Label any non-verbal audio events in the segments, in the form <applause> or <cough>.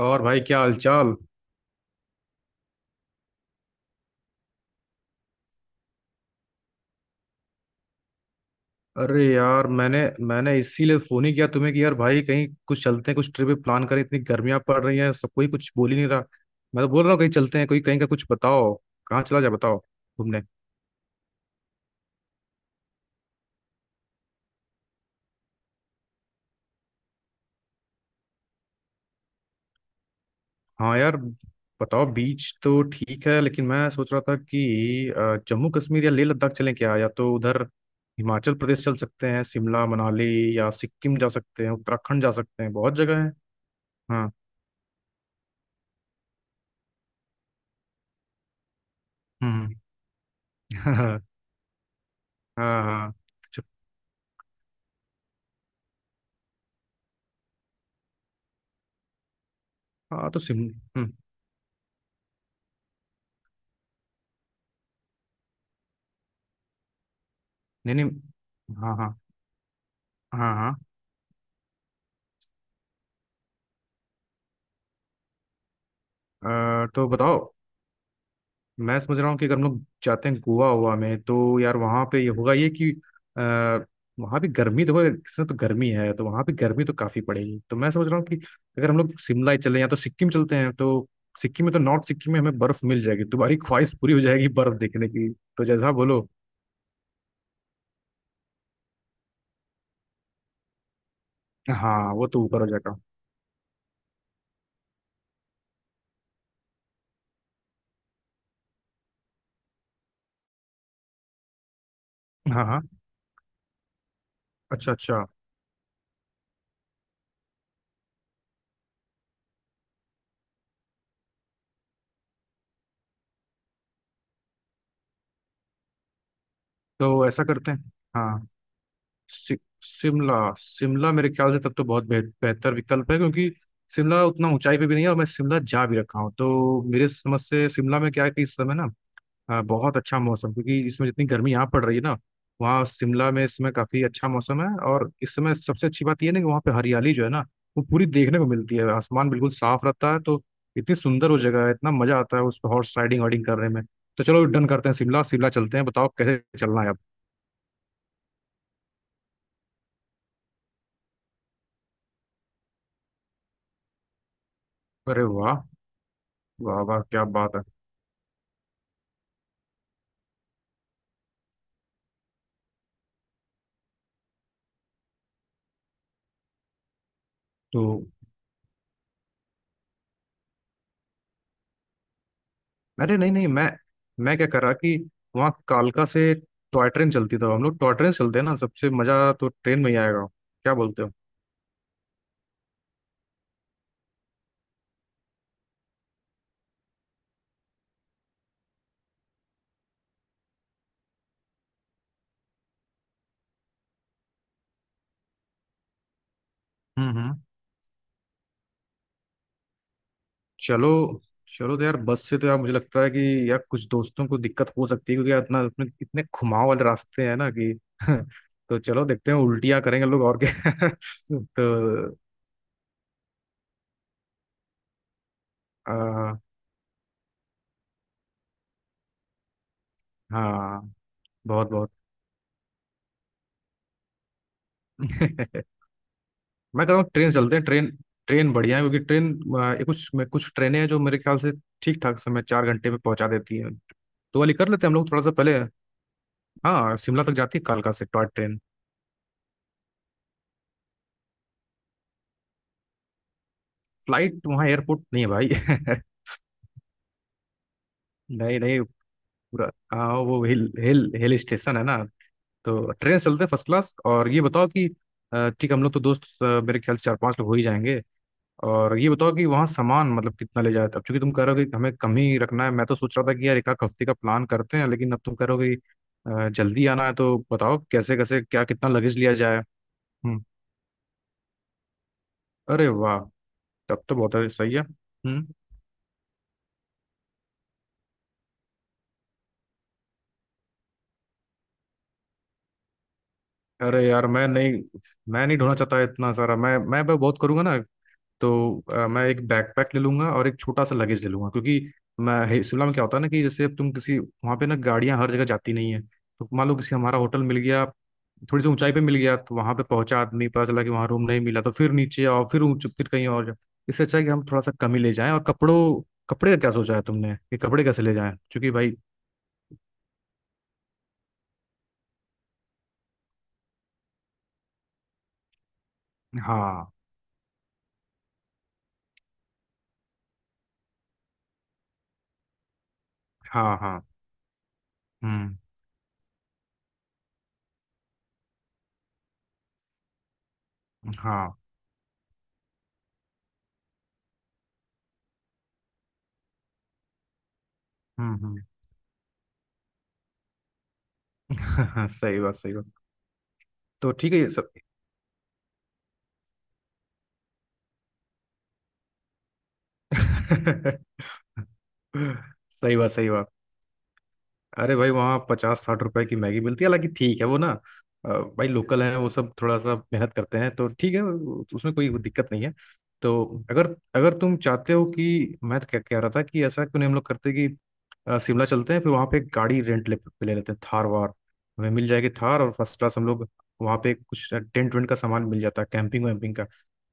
और भाई क्या हालचाल। अरे यार मैंने मैंने इसीलिए फोन ही किया तुम्हें कि यार भाई कहीं कुछ चलते हैं, कुछ ट्रिप प्लान करें। इतनी गर्मियां पड़ रही हैं, सब कोई कुछ बोल ही नहीं रहा। मैं तो बोल रहा हूँ कहीं चलते हैं, कोई कहीं का कुछ बताओ। कहाँ चला जाए बताओ तुमने। हाँ यार, बताओ। बीच तो ठीक है, लेकिन मैं सोच रहा था कि जम्मू कश्मीर या लेह लद्दाख चलें क्या, या तो उधर हिमाचल प्रदेश चल सकते हैं, शिमला मनाली, या सिक्किम जा सकते हैं, उत्तराखंड जा सकते हैं, बहुत जगह है। हाँ। हम्म <laughs> हाँ। हाँ हाँ। हाँ तो सिम हम्म, नहीं नहीं। हाँ हाँ हाँ। हाँ, तो बताओ। मैं समझ रहा हूँ कि अगर हम लोग जाते हैं गोवा हुआ में, तो यार वहाँ पे ये होगा ये कि आ, वहाँ भी गर्मी, देखो इसमें तो गर्मी है, तो वहाँ पे गर्मी तो काफ़ी पड़ेगी। तो मैं समझ रहा हूँ कि अगर हम लोग शिमला ही चले, या तो सिक्किम चलते हैं, तो सिक्किम में तो, नॉर्थ सिक्किम में हमें बर्फ मिल जाएगी, तुम्हारी ख्वाहिश पूरी हो जाएगी बर्फ देखने की। तो जैसा बोलो। हाँ वो तो ऊपर हो जाएगा। हाँ हाँ, अच्छा अच्छा। तो ऐसा करते हैं। हाँ। सि, शिमला शिमला मेरे ख्याल से तब तो बहुत बेहतर विकल्प है, क्योंकि शिमला उतना ऊंचाई पे भी नहीं है, और मैं शिमला जा भी रखा हूँ। तो मेरे समझ से शिमला में क्या है कि इस समय ना बहुत अच्छा मौसम, क्योंकि इसमें जितनी गर्मी यहाँ पड़ रही है ना, वहाँ शिमला में इसमें काफी अच्छा मौसम है। और इस समय सबसे अच्छी बात यह ना कि वहाँ पे हरियाली जो है ना, वो पूरी देखने को मिलती है, आसमान बिल्कुल साफ रहता है। तो इतनी सुंदर वो जगह है, इतना मजा आता है उस पर हॉर्स राइडिंग वाइडिंग करने में। तो चलो डन करते हैं, शिमला शिमला चलते हैं। बताओ कैसे चलना है आप। अरे वाह, वाह वाह, क्या बात है। तो अरे नहीं नहीं, मैं क्या कर रहा कि वहाँ कालका से टॉय ट्रेन चलती था, हम लोग टॉय ट्रेन से चलते हैं ना, सबसे मजा तो ट्रेन में ही आएगा। क्या बोलते हो। हम्म। चलो चलो, तो यार बस से तो यार मुझे लगता है कि यार कुछ दोस्तों को दिक्कत हो सकती है, क्योंकि यार इतना इतने इतने घुमाव वाले रास्ते हैं ना कि <laughs> तो चलो देखते हैं, उल्टियां करेंगे लोग और क्या <laughs> तो आ, हाँ, बहुत बहुत <laughs> मैं कहता हूँ ट्रेन चलते हैं, ट्रेन। ट्रेन बढ़िया है, क्योंकि ट्रेन कुछ ट्रेनें हैं जो मेरे ख्याल से ठीक ठाक समय, 4 घंटे में पहुंचा देती हैं। तो वाली कर लेते हैं हम लोग थोड़ा सा पहले। हाँ, शिमला तक जाती है कालका से टॉय ट्रेन। फ्लाइट? वहाँ एयरपोर्ट नहीं है भाई <laughs> नहीं नहीं, पूरा हाँ वो हिल हिल हिल स्टेशन है ना। तो ट्रेन से चलते हैं फर्स्ट क्लास। और ये बताओ कि ठीक है, हम लोग तो दोस्त मेरे ख्याल से 4-5 लोग हो ही जाएंगे। और ये बताओ कि वहाँ सामान मतलब कितना ले जाते हो, अब चूंकि तुम कह रहे हो कि हमें कम ही रखना है। मैं तो सोच रहा था कि यार एक आध हफ्ते का प्लान करते हैं, लेकिन अब तुम कह रहे हो कि जल्दी आना है, तो बताओ कैसे कैसे क्या कितना लगेज लिया जाए। हम्म। अरे वाह, तब तो बहुत सही है। हम्म। अरे यार, मैं नहीं ढूंढना चाहता इतना सारा, मैं बहुत करूंगा ना। तो मैं एक बैकपैक ले लूंगा और एक छोटा सा लगेज ले लूंगा, क्योंकि मैं शिमला में क्या होता है ना कि जैसे अब तुम किसी, वहाँ पे ना गाड़ियाँ हर जगह जाती नहीं है, तो मान लो किसी, हमारा होटल मिल गया थोड़ी सी ऊंचाई पे मिल गया, तो वहाँ पे पहुंचा आदमी, पता चला कि वहाँ रूम नहीं मिला, तो फिर नीचे आओ, फिर ऊंच, फिर कहीं और जाओ। इससे अच्छा है कि हम थोड़ा सा कम ही ले जाएं। और कपड़ों, कपड़े का क्या सोचा है तुमने कि कपड़े कैसे ले जाएं, क्योंकि भाई। हाँ हाँ। हाँ। हम्म। हाँ। हम्म। <laughs> हाँ, सही बात सही बात। तो ठीक है ये सब। <laughs> सही बात सही बात। अरे भाई, वहाँ 50-60 रुपए की मैगी मिलती है, हालांकि ठीक है वो ना भाई लोकल है, वो सब थोड़ा सा मेहनत करते हैं, तो ठीक है उसमें कोई दिक्कत नहीं है। तो, अगर अगर तुम चाहते हो कि, मैं तो क्या कह रहा था कि ऐसा क्यों नहीं हम लोग करते कि शिमला चलते हैं, फिर वहाँ पे एक गाड़ी रेंट ले, पे ले लेते हैं थार वार, हमें मिल जाएगी थार, और फर्स्ट क्लास हम लोग वहाँ पे कुछ टेंट वेंट का सामान मिल जाता है, कैंपिंग वैम्पिंग का,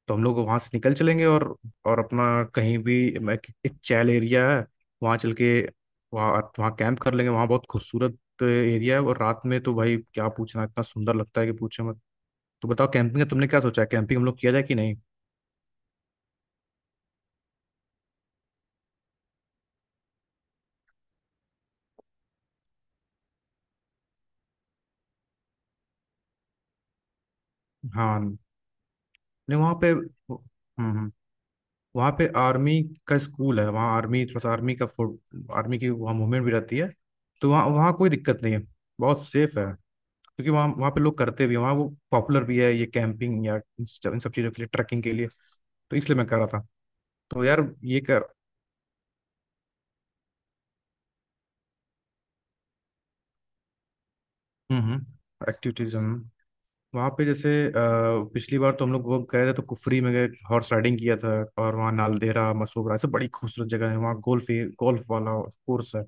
तो हम लोग वहाँ से निकल चलेंगे। और अपना, कहीं भी मैं- एक चैल एरिया है, वहाँ चल के वहाँ आप, वहाँ कैंप कर लेंगे। वहाँ बहुत खूबसूरत एरिया है, और रात में तो भाई क्या पूछना, इतना सुंदर लगता है कि पूछो मत। तो बताओ कैंपिंग का तुमने क्या सोचा है, कैंपिंग हम लोग किया जाए कि नहीं। हाँ, नहीं वहाँ पे, हम्म, वहाँ पे आर्मी का स्कूल है, वहाँ आर्मी थोड़ा सा, आर्मी का आर्मी की वहाँ मूवमेंट भी रहती है। तो वहाँ, वहाँ कोई दिक्कत नहीं है, बहुत सेफ है, क्योंकि वहाँ, वहाँ पे लोग करते भी हैं, वहाँ वो पॉपुलर भी है ये कैंपिंग या इन सब चीज़ों के लिए, ट्रैकिंग के लिए। तो इसलिए मैं कह रहा था। तो यार, ये कर, हम्म, एक्टिविटीज वहाँ पे, जैसे पिछली बार तो हम लोग वो गए थे तो कुफरी में गए, हॉर्स राइडिंग किया था। और वहाँ नालदेहरा, मसोबरा, सब बड़ी खूबसूरत जगह है। वहाँ गोल्फ, गोल्फ वाला कोर्स है।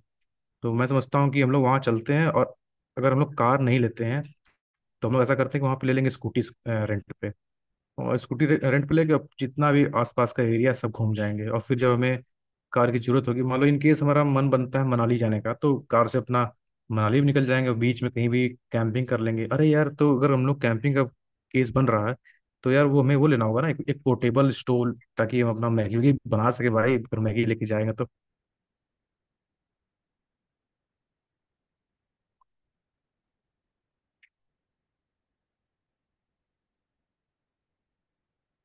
तो मैं समझता हूँ कि हम लोग वहाँ चलते हैं, और अगर हम लोग कार नहीं लेते हैं, तो हम लोग ऐसा करते हैं कि वहाँ पे ले लेंगे स्कूटी रेंट पे, और स्कूटी रेंट पे लेके अब जितना भी आसपास का एरिया सब घूम जाएंगे। और फिर जब हमें कार की जरूरत होगी, मान लो इन केस हमारा मन बनता है मनाली जाने का, तो कार से अपना मनाली भी निकल जाएंगे, और बीच में कहीं भी कैंपिंग कर लेंगे। अरे यार, तो अगर हम लोग कैंपिंग का केस बन रहा है, तो यार वो हमें वो लेना होगा ना एक पोर्टेबल स्टोव, ताकि हम अपना मैगी वैगी बना सके भाई, फिर मैगी लेके जाएंगे तो।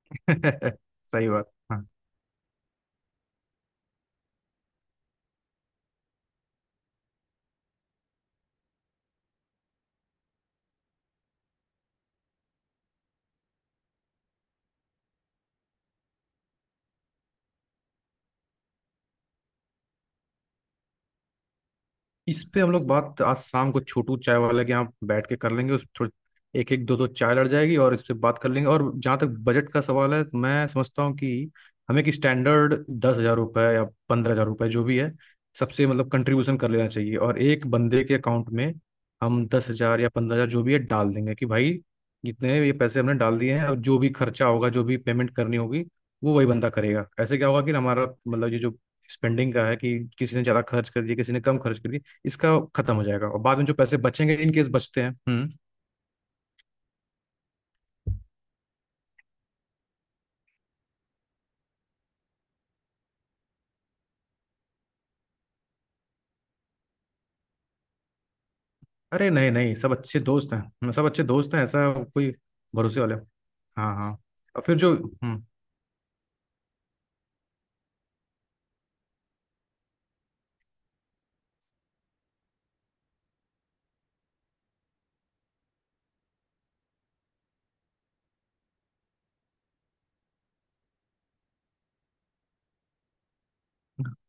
<laughs> सही बात हाँ। इस पे हम लोग बात आज शाम को छोटू चाय वाले के यहाँ बैठ के कर लेंगे, उस थोड़ी एक एक दो दो चाय लड़ जाएगी, और इस पे बात कर लेंगे। और जहाँ तक बजट का सवाल है, तो मैं समझता हूँ कि हमें कि स्टैंडर्ड 10,000 रुपये या 15,000 रुपये जो भी है, सबसे मतलब कंट्रीब्यूशन कर लेना चाहिए। और एक बंदे के अकाउंट में हम 10,000 या 15,000 जो भी है डाल देंगे, कि भाई जितने ये पैसे हमने डाल दिए हैं, और जो भी खर्चा होगा जो भी पेमेंट करनी होगी, वो वही बंदा करेगा। ऐसे क्या होगा कि हमारा मतलब ये जो स्पेंडिंग का है, कि किसी ने ज़्यादा खर्च कर दिया, किसी ने कम खर्च कर दिया, इसका खत्म हो जाएगा। और बाद में जो पैसे बचेंगे इन केस बचते हैं। हम्म। अरे नहीं नहीं, सब अच्छे दोस्त हैं, हम सब अच्छे दोस्त हैं, ऐसा कोई, भरोसे वाले। हाँ हाँ। और फिर जो, हम्म,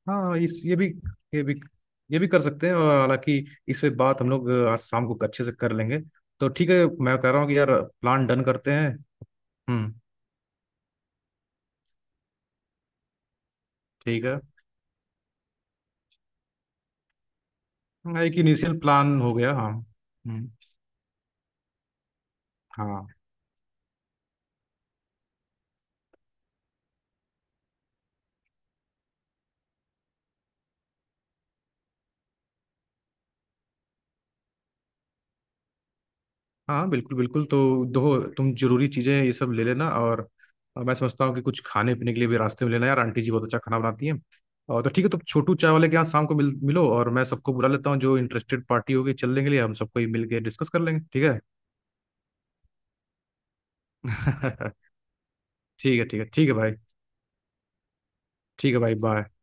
हाँ इस ये भी, ये भी ये भी कर सकते हैं। और हालांकि इस पे बात हम लोग आज शाम को अच्छे से कर लेंगे। तो ठीक है मैं कह रहा हूँ कि यार प्लान डन करते हैं। हम्म, ठीक है। हाँ, एक इनिशियल प्लान हो गया, हाँ हम्म। हाँ हाँ, बिल्कुल बिल्कुल। तो दो, तुम जरूरी चीज़ें ये सब ले लेना। और मैं समझता हूँ कि कुछ खाने पीने के लिए भी रास्ते में लेना यार, आंटी जी बहुत अच्छा खाना बनाती हैं। और तो ठीक है, तो छोटू चाय वाले के यहाँ शाम को मिल, मिलो, और मैं सबको बुला लेता हूँ, जो इंटरेस्टेड पार्टी होगी चलने के लिए, हम सबको ही मिल के डिस्कस कर लेंगे, ठीक है। <laughs> ठीक है ठीक है ठीक है भाई। ठीक है भाई, बाय।